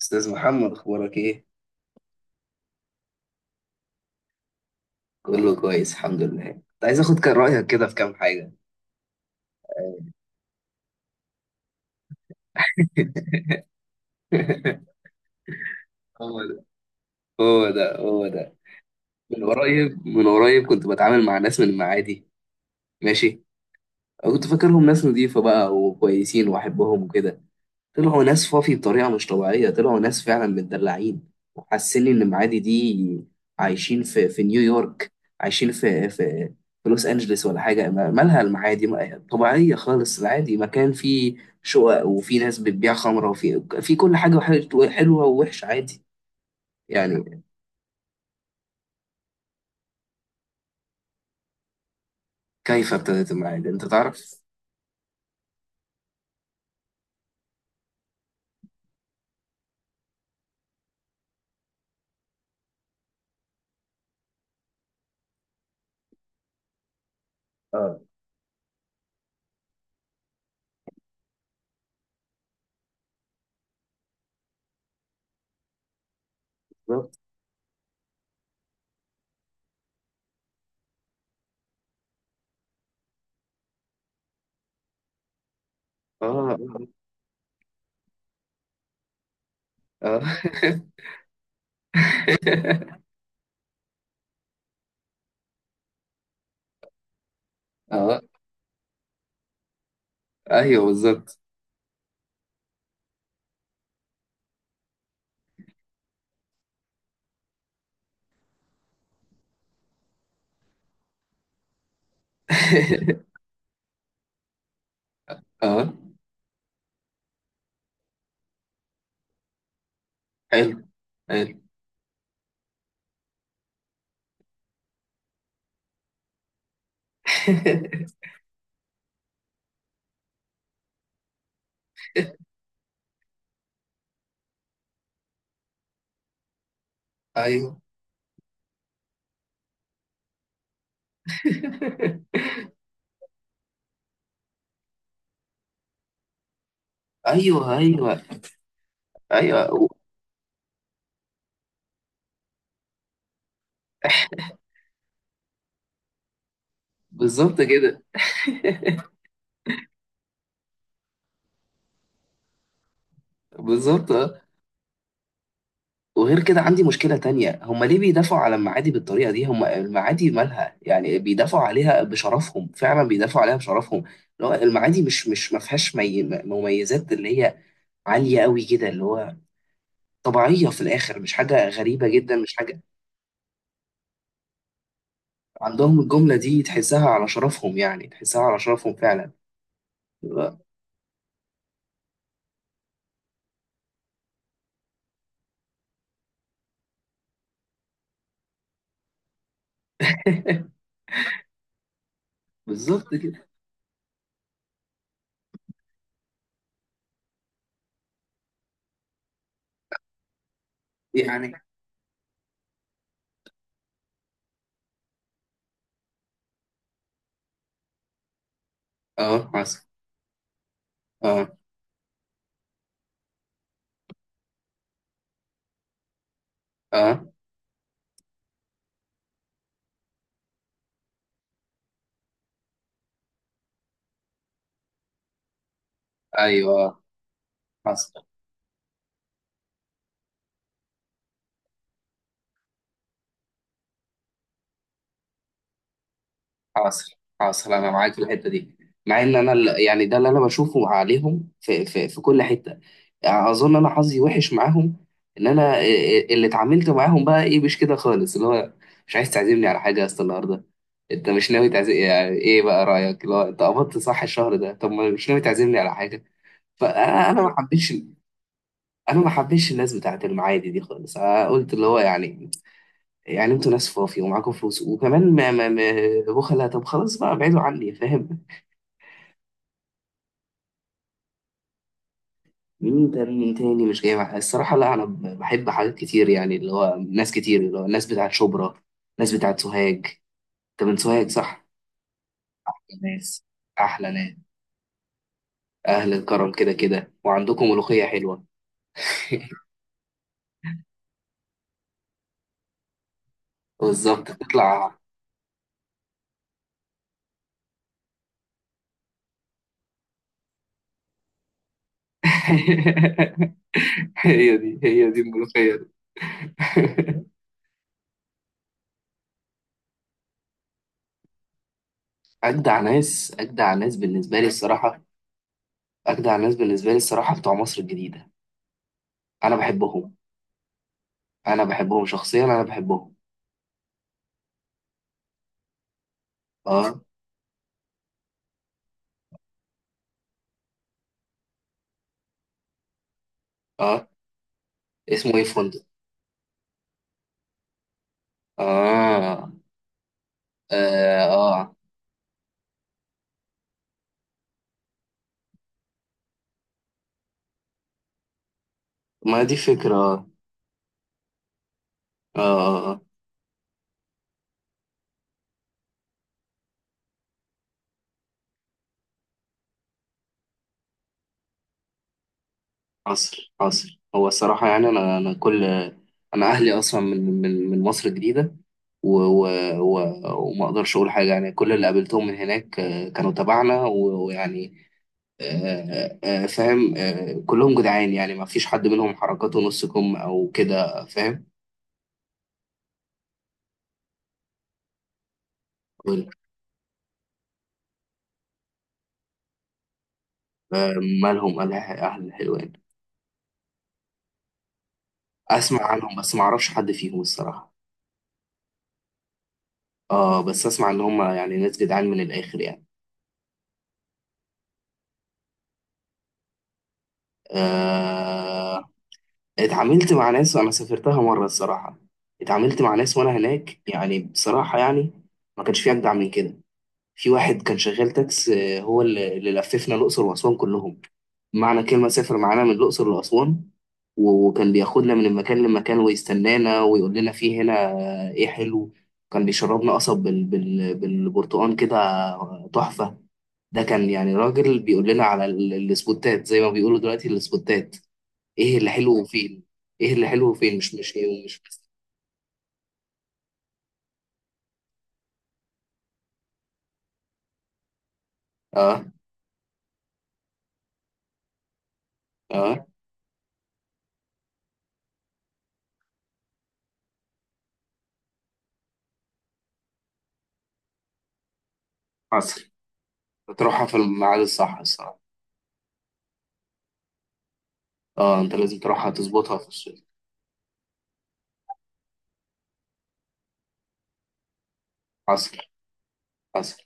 استاذ محمد، اخبارك ايه؟ كله كويس الحمد لله. كنت عايز اخد كان رايك كده في كام حاجه. هو ده، هو ده، هو ده. من قريب كنت بتعامل مع ناس من المعادي. ماشي. أنا كنت فاكرهم ناس نظيفه بقى وكويسين واحبهم وكده. طلعوا ناس فافي بطريقة مش طبيعية، طلعوا ناس فعلا متدلعين. وحاسين إن معادي دي عايشين في نيويورك، عايشين في لوس أنجلس ولا حاجة. مالها المعادي؟ طبيعية خالص. العادي مكان فيه شقق، وفي ناس بتبيع خمرة، وفي كل حاجة، حلوة ووحشة عادي يعني. كيف ابتدت المعادي أنت تعرف؟ اه. بالظبط. اه، اه، اه. آه. ايوه بالظبط. اه. حلو، حلو. ايوه، ايوه، ايوه، ايوه. بالظبط كده. بالظبط آه. وغير كده عندي مشكله تانية، هم ليه بيدافعوا على المعادي بالطريقه دي؟ هم المعادي مالها يعني؟ بيدافعوا عليها بشرفهم، فعلا بيدافعوا عليها بشرفهم. اللي هو المعادي مش ما فيهاش مميزات اللي هي عاليه قوي كده، اللي هو طبيعيه في الاخر، مش حاجه غريبه جدا، مش حاجه. عندهم الجمله دي تحسها على شرفهم، يعني تحسها على شرفهم فعلا. آه. بالظبط كده يعني. اه حصل. اه، اه، ايوه. حاصل، حاصل، حاصل، انا معاك في الحته دي. مع ان انا يعني ده اللي انا بشوفه عليهم في كل حته، يعني اظن انا حظي وحش معاهم. ان انا اللي اتعاملت معاهم بقى ايه، مش كده خالص اللي هو. مش عايز تعزمني على حاجه يا اسطى النهارده؟ انت مش ناوي تعزم؟ يعني ايه بقى رايك اللي هو انت قبضت صح الشهر ده، طب ما مش ناوي تعزمني على حاجه. فانا ما حبيتش. انا ما حبيتش الناس بتاعت المعادي دي خالص. أنا قلت اللي هو يعني، يعني انتوا ناس فوفي ومعاكم فلوس وكمان ما بخلة. طب خلاص بقى ابعدوا عني فاهم. مين تاني؟ تاني مش جاي معايا الصراحة. لا، انا بحب حاجات كتير يعني، اللي هو ناس كتير، اللي هو الناس بتاعت شبرا، ناس بتاعت سوهاج. انت من سوهاج صح؟ ناس، احلى ناس، اهل الكرم كده كده، وعندكم ملوخية حلوة. بالظبط تطلع. هي دي، هي دي الملوخية دي. أجدع ناس، أجدع ناس بالنسبة لي الصراحة. أجدع ناس بالنسبة لي الصراحة بتوع مصر الجديدة. انا بحبهم. انا بحبهم شخصيا، انا بحبهم. اه، اه. اسمه ايه فندق؟ اه، اه، آه. ما دي فكرة اه. اه، آه. عصر عصر، هو الصراحة يعني انا كل. انا اهلي اصلا من مصر الجديدة، و... و... و... وما اقدرش اقول حاجة يعني. كل اللي قابلتهم من هناك كانوا تبعنا ويعني، فاهم، كلهم جدعان يعني، ما فيش حد منهم حركاته نص كم او كده فاهم. وال- مالهم أهل حلوان اسمع عنهم بس ما اعرفش حد فيهم الصراحه. اه بس اسمع ان هم يعني ناس جدعان من الاخر يعني. آه. اتعاملت مع ناس، انا سافرتها مره الصراحه، اتعاملت مع ناس وانا هناك يعني بصراحه يعني ما كانش في اجدع من كده. في واحد كان شغال تاكس، هو اللي لففنا الأقصر وأسوان كلهم، معنى كلمة سافر معانا من الأقصر لأسوان. وكان بياخدنا من المكان لمكان ويستنانا ويقول لنا في هنا إيه حلو. كان بيشربنا قصب بالبرتقال كده. آه، تحفة. ده كان يعني راجل بيقول لنا على السبوتات، زي ما بيقولوا دلوقتي السبوتات. إيه اللي حلو وفين؟ إيه اللي حلو وفين؟ مش إيه ومش. آه، آه، حصل. تروحها في الميعاد الصح الصراحة. اه، انت لازم تروحها تظبطها في الصيف. حصل، حصل.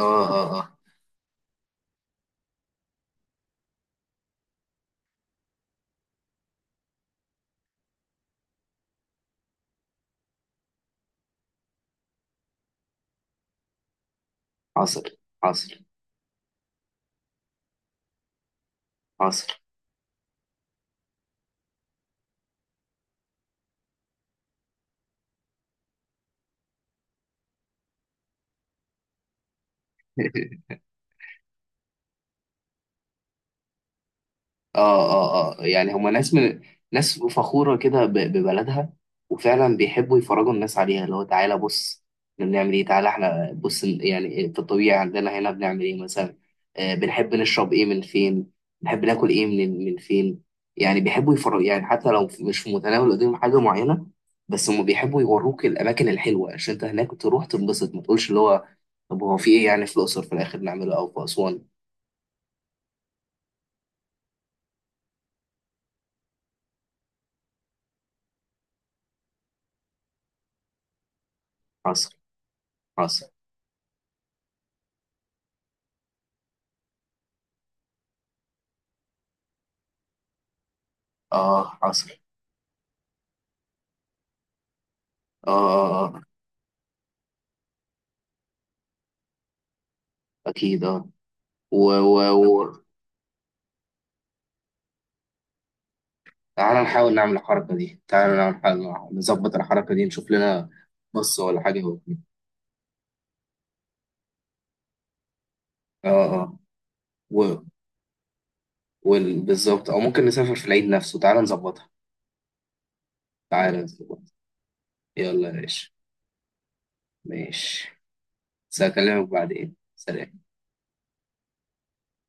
اه، اه، اه، حصل، حصل، حصل. اه، اه، اه، يعني هما ناس من ناس فخورة كده ببلدها. وفعلا بيحبوا يفرجوا الناس عليها اللي هو، تعالى بص احنا بنعمل ايه، تعالى احنا بص يعني في الطبيعي عندنا هنا بنعمل ايه مثلا. آه، بنحب نشرب ايه من فين، بنحب ناكل ايه من فين. يعني بيحبوا يفرجوا يعني، حتى لو مش في متناول ايديهم حاجة معينة. بس هما بيحبوا يوروك الأماكن الحلوة عشان أنت هناك تروح تنبسط، ما تقولش اللي هو طب هو في إيه يعني في الأقصر في الآخر نعمله أو في أسوان. حصل، حصل. آه حصل. اه، اه، اه. اكيد اه. و تعالى نحاول نعمل الحركه دي، تعالى نعمل نظبط الحركه دي، نشوف لنا. بص ولا حاجه هو. اه، اه. و بالظبط، او ممكن نسافر في العيد نفسه، تعالى نظبطها. تعالى نظبطها. يلا يا باشا. ماشي. بس هكلمك بعدين، سلام.